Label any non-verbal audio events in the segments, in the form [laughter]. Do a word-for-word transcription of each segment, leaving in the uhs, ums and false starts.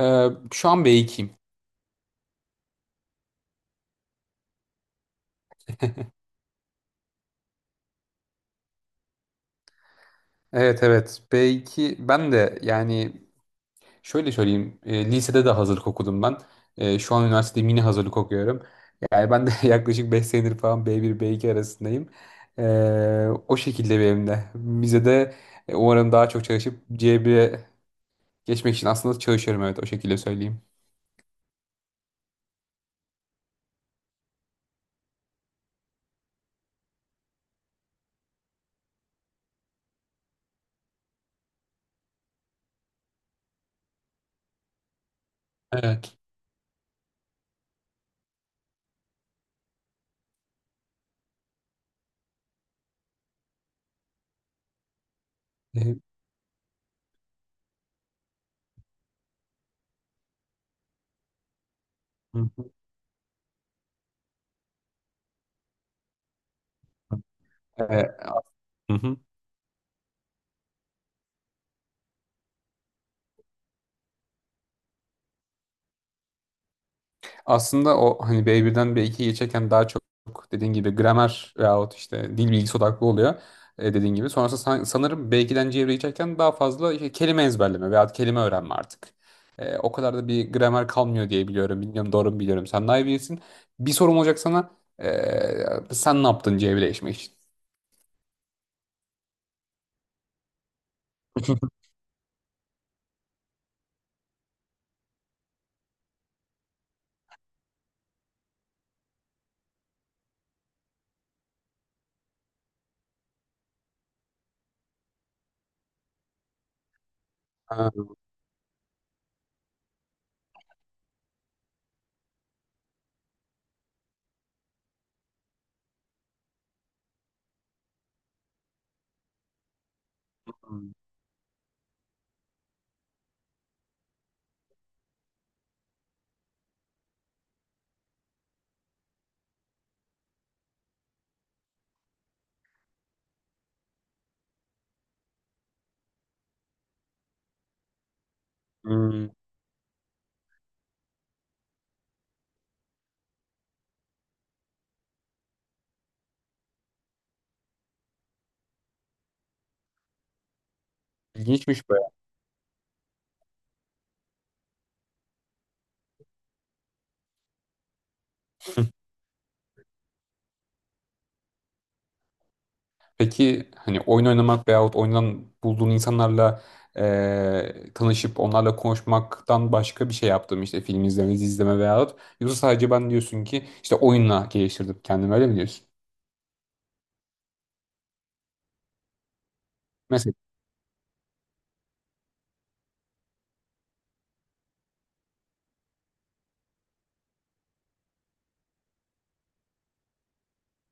Ee, şu an be iki'yim. Evet evet, be iki ben de, yani şöyle söyleyeyim, e, lisede de hazırlık okudum ben. E, şu an üniversitede mini hazırlık okuyorum. Yani ben de [laughs] yaklaşık beş senedir falan be bir be iki arasındayım. Ee, o şekilde benim de. Bize de e, umarım daha çok çalışıp ce bire geçmek için aslında çalışıyorum, evet, o şekilde söyleyeyim. Evet. Ee, hı hı. Ee, hı hı. Aslında o, hani be birden be ikiye geçerken daha çok dediğin gibi gramer veyahut işte dil bilgisi odaklı oluyor, e, dediğin gibi. Sonrasında san- sanırım be ikiden C'ye geçerken daha fazla işte kelime ezberleme veyahut kelime öğrenme artık. E, o kadar da bir gramer kalmıyor diye biliyorum. Bilmiyorum, doğru mu biliyorum. Sen daha iyi bilirsin. Bir sorum olacak sana. E, sen ne yaptın ce bire geçmek için? [laughs] Ha, hmm, ilginçmiş. Peki, hani oyun oynamak veyahut oyundan bulduğun insanlarla eee, tanışıp onlarla konuşmaktan başka bir şey yaptım işte, film izleme, dizi izleme, veyahut yoksa sadece, ben diyorsun ki, işte oyunla geliştirdim kendimi, öyle mi diyorsun? Mesela.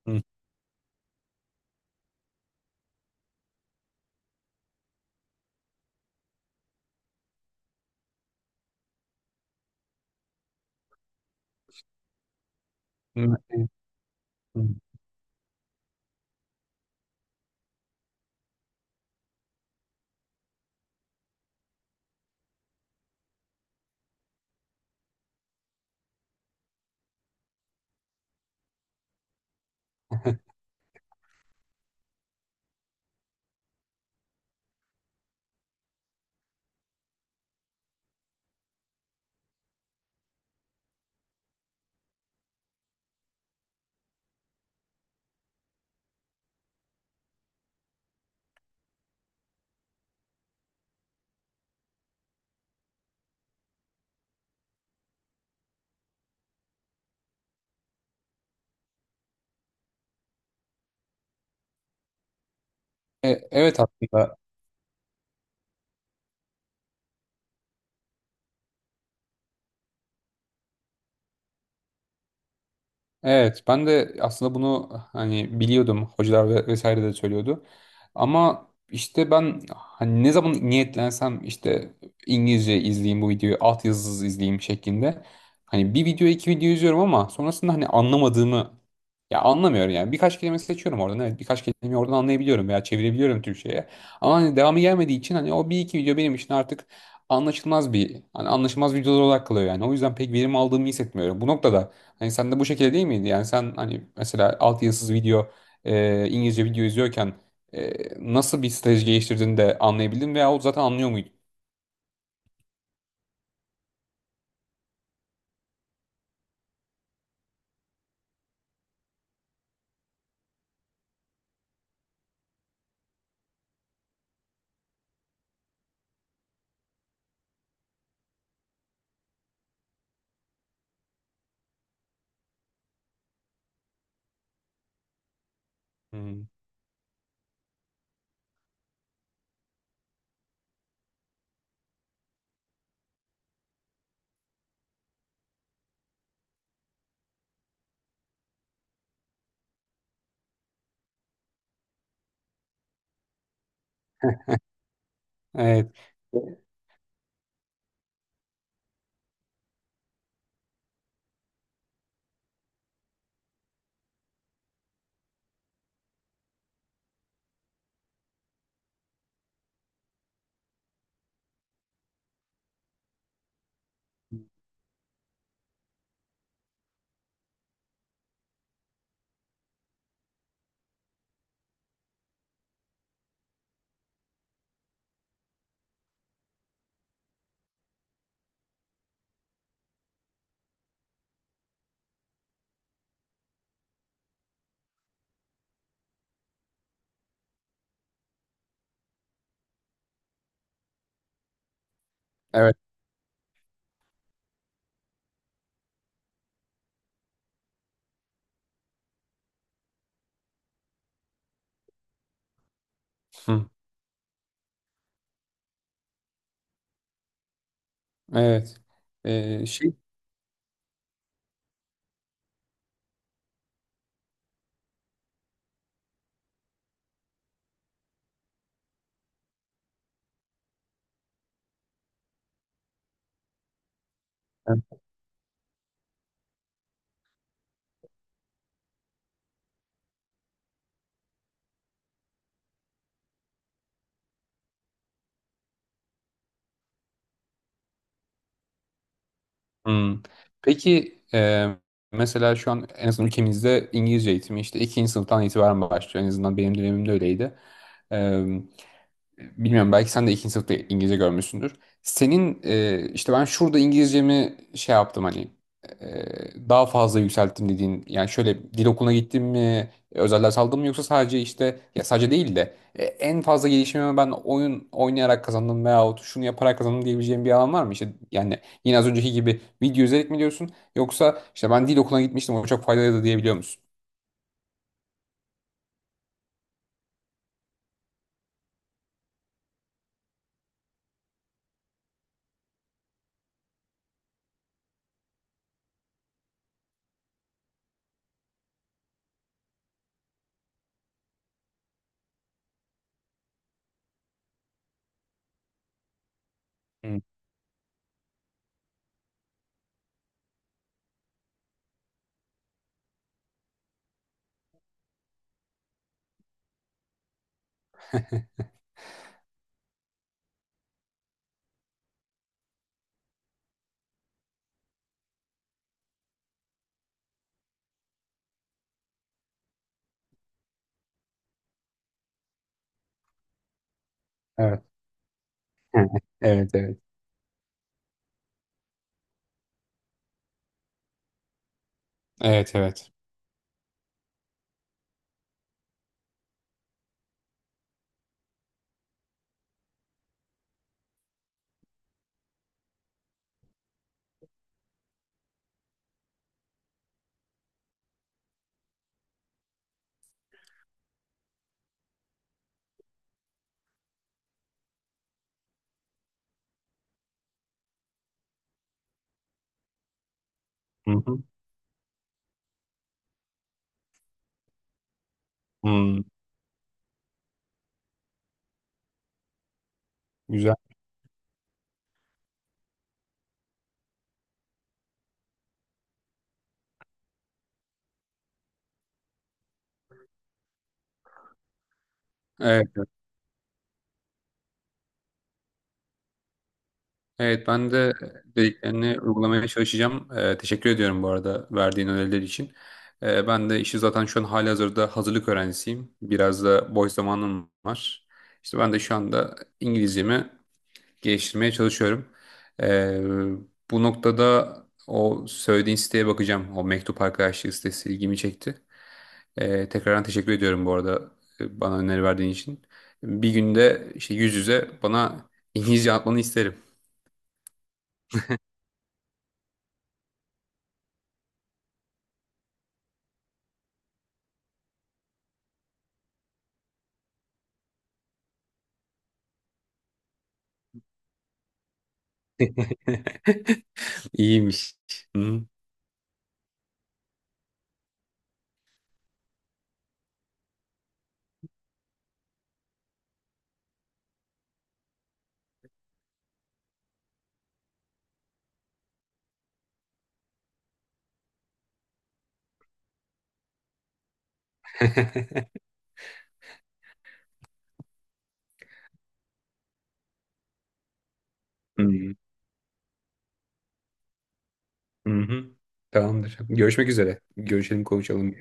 Hı. Hı. E, evet, aslında. Evet, ben de aslında bunu hani biliyordum. Hocalar ve vesaire de söylüyordu. Ama işte ben, hani ne zaman niyetlensem, işte İngilizce izleyeyim bu videoyu, altyazısız izleyeyim şeklinde. Hani bir video iki video izliyorum ama sonrasında hani anlamadığımı, ya anlamıyorum yani. Birkaç kelime seçiyorum oradan. Evet, birkaç kelimeyi oradan anlayabiliyorum veya çevirebiliyorum Türkçe'ye. Ama hani devamı gelmediği için, hani o bir iki video benim için artık anlaşılmaz bir, hani anlaşılmaz videolar olarak kalıyor yani. O yüzden pek verim aldığımı hissetmiyorum. Bu noktada hani sen de bu şekilde değil miydi? Yani sen hani mesela altyazısız video, e, İngilizce video izliyorken, e, nasıl bir strateji geliştirdiğini de anlayabildin veya o zaten anlıyor muydun? Hmm. Evet. Evet. Hı. Evet. E, şey. Hmm. Peki, e, mesela şu an en azından ülkemizde İngilizce eğitimi işte ikinci sınıftan itibaren başlıyor. En azından benim dönemimde öyleydi. Bilmiyorum, belki sen de ikinci sınıfta İngilizce görmüşsündür. Senin, e, işte ben şurada İngilizcemi şey yaptım, hani e, daha fazla yükselttim dediğin, yani şöyle dil okuluna gittim mi, özel ders aldım mı, yoksa sadece işte, ya sadece değil de, e, en fazla gelişimimi ben oyun oynayarak kazandım veyahut şunu yaparak kazandım diyebileceğim bir alan var mı? İşte yani, yine az önceki gibi video izleyerek mi diyorsun, yoksa işte ben dil okuluna gitmiştim, o çok faydalıydı diyebiliyor musun? Hı. Evet. [laughs] Evet, evet. Evet, evet. Hı hı. Hı. Güzel. Evet. Evet, ben de dediklerini uygulamaya çalışacağım. Ee, teşekkür ediyorum bu arada, verdiğin öneriler için. Ee, ben de işi zaten şu an halihazırda hazırlık öğrencisiyim. Biraz da boş zamanım var. İşte ben de şu anda İngilizcemi geliştirmeye çalışıyorum. Ee, bu noktada, o söylediğin siteye bakacağım. O mektup arkadaşlığı sitesi ilgimi çekti. Ee, tekrardan teşekkür ediyorum bu arada, e, bana öneri verdiğin için. Bir günde işte yüz yüze bana İngilizce atmanı isterim. İyiymiş. Hı. [laughs] Hı. Hı hı. Tamamdır. Görüşmek üzere. Görüşelim, konuşalım.